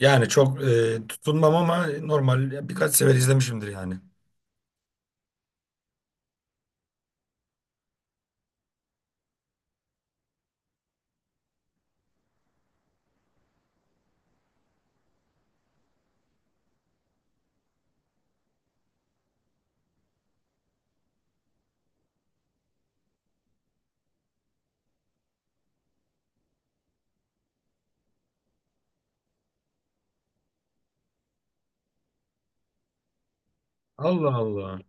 Yani çok tutunmam ama normal ya birkaç sefer izlemişimdir yani. Allah Allah.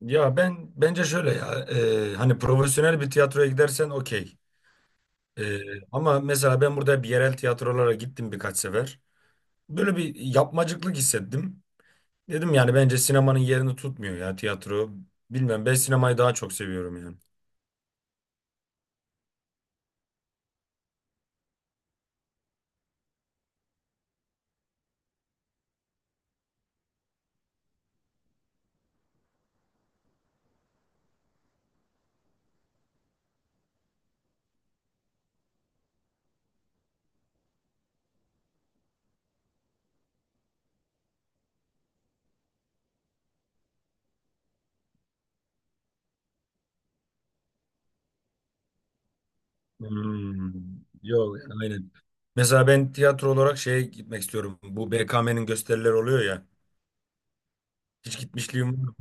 Ya ben bence şöyle ya hani profesyonel bir tiyatroya gidersen okey. E, Ama mesela ben burada bir yerel tiyatrolara gittim birkaç sefer. Böyle bir yapmacıklık hissettim. Dedim yani bence sinemanın yerini tutmuyor ya tiyatro. Bilmem ben sinemayı daha çok seviyorum yani. Hmm, yok, aynen. Mesela ben tiyatro olarak şeye gitmek istiyorum. Bu BKM'nin gösterileri oluyor ya. Hiç gitmişliğim var.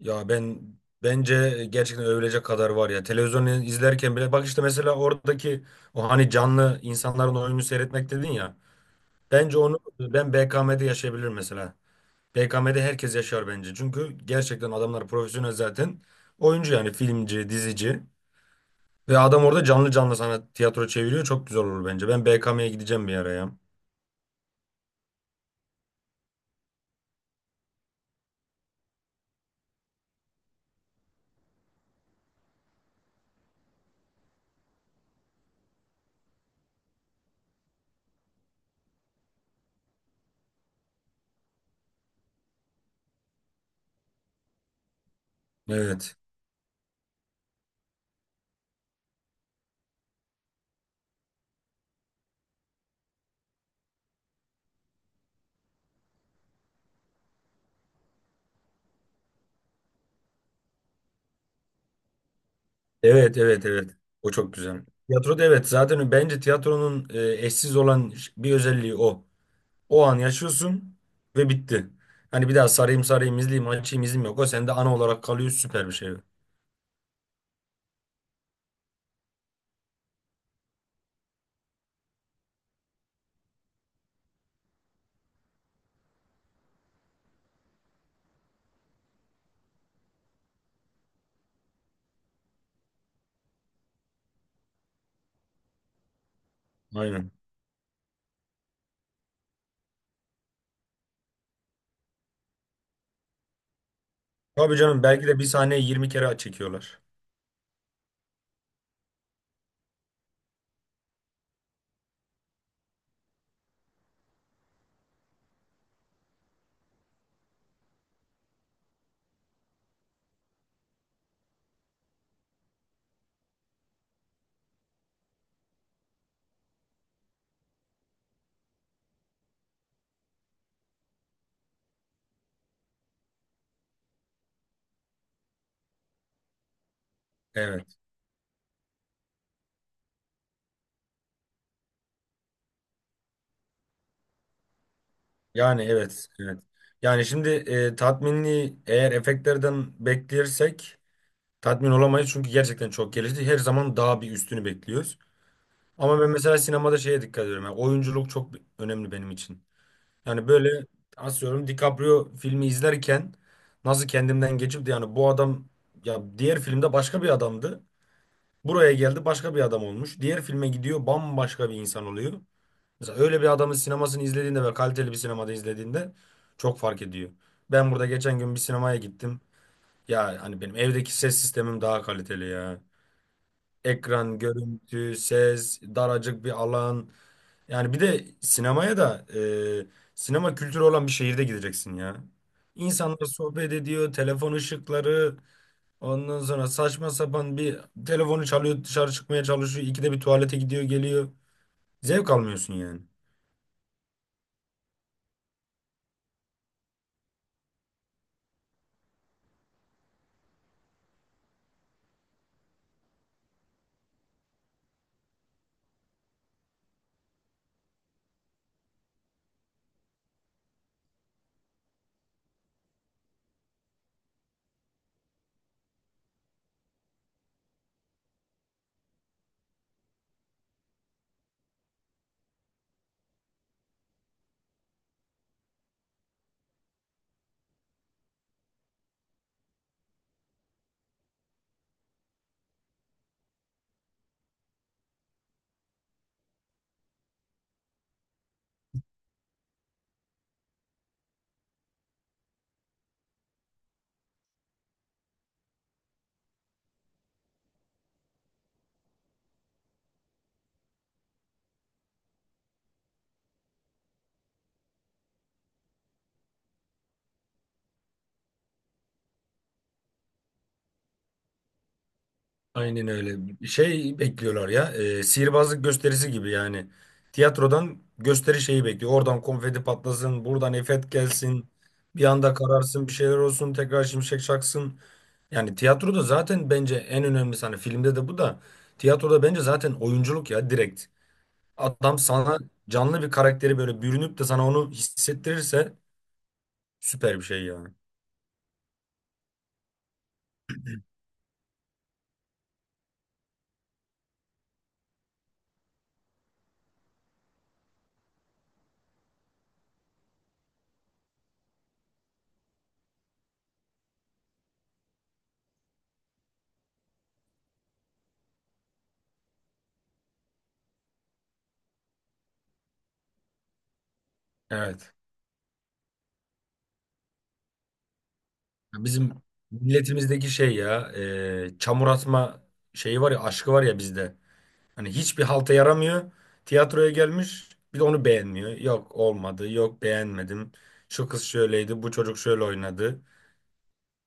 Ya ben bence gerçekten övülecek kadar var ya. Televizyonu izlerken bile bak işte mesela oradaki o hani canlı insanların oyunu seyretmek dedin ya. Bence onu ben BKM'de yaşayabilirim mesela. BKM'de herkes yaşar bence. Çünkü gerçekten adamlar profesyonel zaten. Oyuncu yani filmci, dizici. Ve adam orada canlı canlı sana tiyatro çeviriyor. Çok güzel olur bence. Ben BKM'ye gideceğim bir ara ya. Evet. Evet, evet, evet. O çok güzel. Tiyatroda evet zaten bence tiyatronun eşsiz olan bir özelliği o. O an yaşıyorsun ve bitti. Hani bir daha sarayım sarayım izleyeyim açayım izleyeyim yok. O sende ana olarak kalıyor, süper bir şey. Aynen. Tabii canım, belki de bir sahneyi 20 kere çekiyorlar. Evet. Yani evet. Evet. Yani şimdi tatminliği eğer efektlerden beklersek tatmin olamayız. Çünkü gerçekten çok gelişti. Her zaman daha bir üstünü bekliyoruz. Ama ben mesela sinemada şeye dikkat ediyorum. Yani oyunculuk çok önemli benim için. Yani böyle asıyorum DiCaprio filmi izlerken, nasıl kendimden geçip de yani bu adam ya diğer filmde başka bir adamdı. Buraya geldi başka bir adam olmuş. Diğer filme gidiyor, bambaşka bir insan oluyor. Mesela öyle bir adamın sinemasını izlediğinde ve kaliteli bir sinemada izlediğinde çok fark ediyor. Ben burada geçen gün bir sinemaya gittim. Ya hani benim evdeki ses sistemim daha kaliteli ya. Ekran, görüntü, ses, daracık bir alan. Yani bir de sinemaya da sinema kültürü olan bir şehirde gideceksin ya. İnsanlar sohbet ediyor, telefon ışıkları, ondan sonra saçma sapan bir telefonu çalıyor, dışarı çıkmaya çalışıyor, ikide bir tuvalete gidiyor, geliyor. Zevk almıyorsun yani. Aynen öyle. Şey bekliyorlar ya, sihirbazlık gösterisi gibi yani. Tiyatrodan gösteri şeyi bekliyor. Oradan konfeti patlasın, buradan efekt gelsin, bir anda kararsın, bir şeyler olsun, tekrar şimşek çaksın. Yani tiyatroda zaten bence en önemlisi, hani filmde de bu da, tiyatroda bence zaten oyunculuk ya direkt. Adam sana canlı bir karakteri böyle bürünüp de sana onu hissettirirse süper bir şey ya. Evet. Ya bizim milletimizdeki şey ya, çamur atma şeyi var ya, aşkı var ya bizde. Hani hiçbir halta yaramıyor. Tiyatroya gelmiş bir de onu beğenmiyor. Yok olmadı, yok beğenmedim. Şu kız şöyleydi, bu çocuk şöyle oynadı.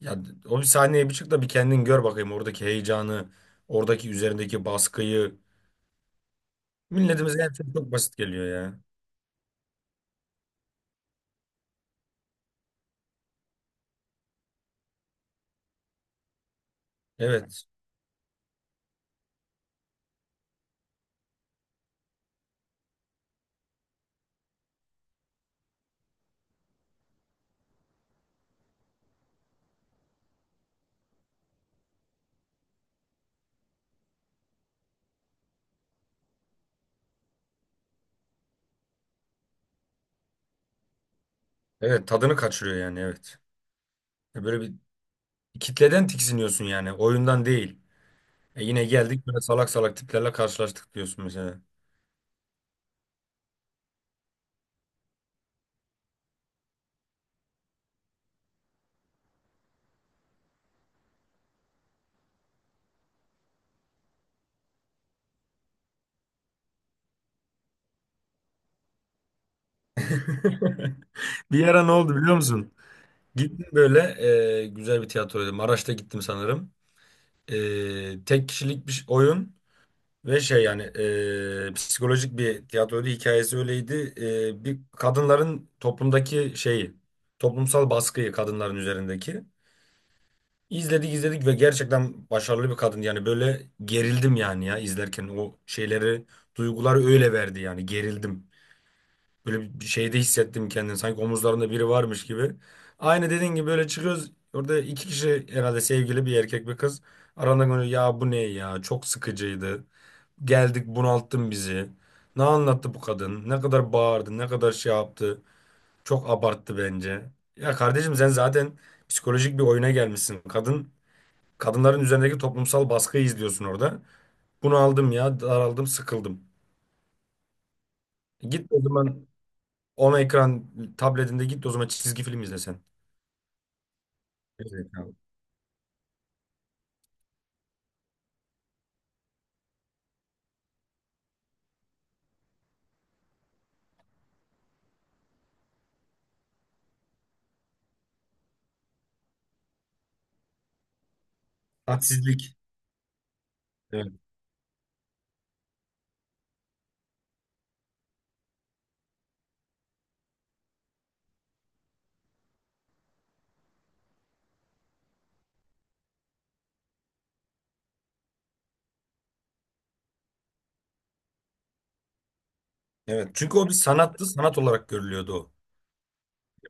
Ya o bir sahneye bir çık da bir kendin gör bakayım oradaki heyecanı, oradaki üzerindeki baskıyı. Milletimize her şey çok basit geliyor ya. Evet. Evet, tadını kaçırıyor yani, evet. Ya böyle bir kitleden tiksiniyorsun yani, oyundan değil. E yine geldik, böyle salak salak tiplerle karşılaştık diyorsun mesela. Bir ara ne oldu biliyor musun? Gittim böyle, güzel bir tiyatroydu. Maraş'ta gittim sanırım. Tek kişilik bir oyun. Ve şey yani psikolojik bir tiyatroydu. Hikayesi öyleydi. Bir kadınların toplumdaki şeyi, toplumsal baskıyı kadınların üzerindeki. İzledik izledik ve gerçekten başarılı bir kadın. Yani böyle gerildim yani ya, izlerken o şeyleri, duyguları öyle verdi yani, gerildim. Böyle bir şeyde hissettim kendimi. Sanki omuzlarında biri varmış gibi. Aynı dediğin gibi böyle çıkıyoruz. Orada iki kişi, herhalde sevgili, bir erkek bir kız. Aralarında böyle, ya bu ne ya, çok sıkıcıydı. Geldik, bunalttın bizi. Ne anlattı bu kadın? Ne kadar bağırdı, ne kadar şey yaptı. Çok abarttı bence. Ya kardeşim, sen zaten psikolojik bir oyuna gelmişsin. Kadın kadınların üzerindeki toplumsal baskıyı izliyorsun orada. Bunu aldım ya, daraldım, sıkıldım. Git o zaman, ona ekran tabletinde git o zaman, çizgi film izle sen. Evet abi. Hadsizlik. Evet. Evet. Çünkü o bir sanattı, sanat olarak görülüyordu o.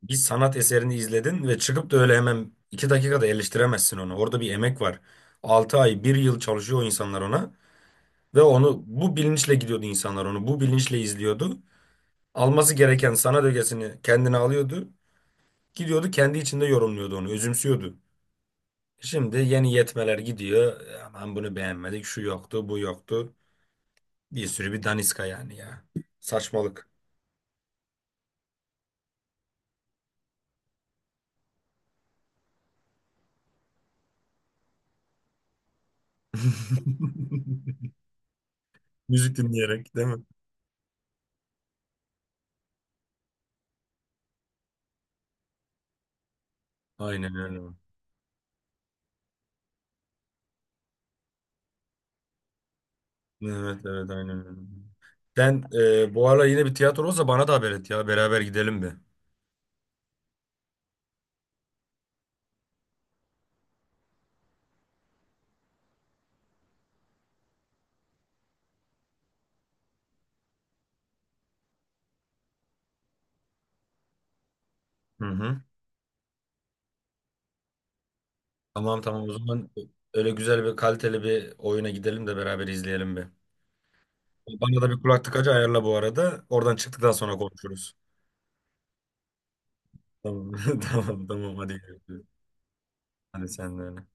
Bir sanat eserini izledin ve çıkıp da öyle hemen iki dakikada eleştiremezsin onu. Orada bir emek var. 6 ay, bir yıl çalışıyor o insanlar ona, ve onu bu bilinçle gidiyordu insanlar onu. Bu bilinçle izliyordu. Alması gereken sanat ögesini kendine alıyordu. Gidiyordu, kendi içinde yorumluyordu onu, özümsüyordu. Şimdi yeni yetmeler gidiyor. Aman bunu beğenmedik, şu yoktu, bu yoktu. Bir sürü bir daniska yani ya. Saçmalık. Müzik dinleyerek değil mi? Aynen öyle. Evet, evet, aynen öyle. Sen, bu ara yine bir tiyatro olsa bana da haber et ya. Beraber gidelim bir. Hı hı. Tamam, tamam, o zaman öyle güzel bir, kaliteli bir oyuna gidelim de beraber izleyelim bir. Bana da bir kulak tıkacı ayarla bu arada. Oradan çıktıktan sonra konuşuruz. Tamam, tamam, tamam, hadi görüşürüz. Hadi sen de öyle.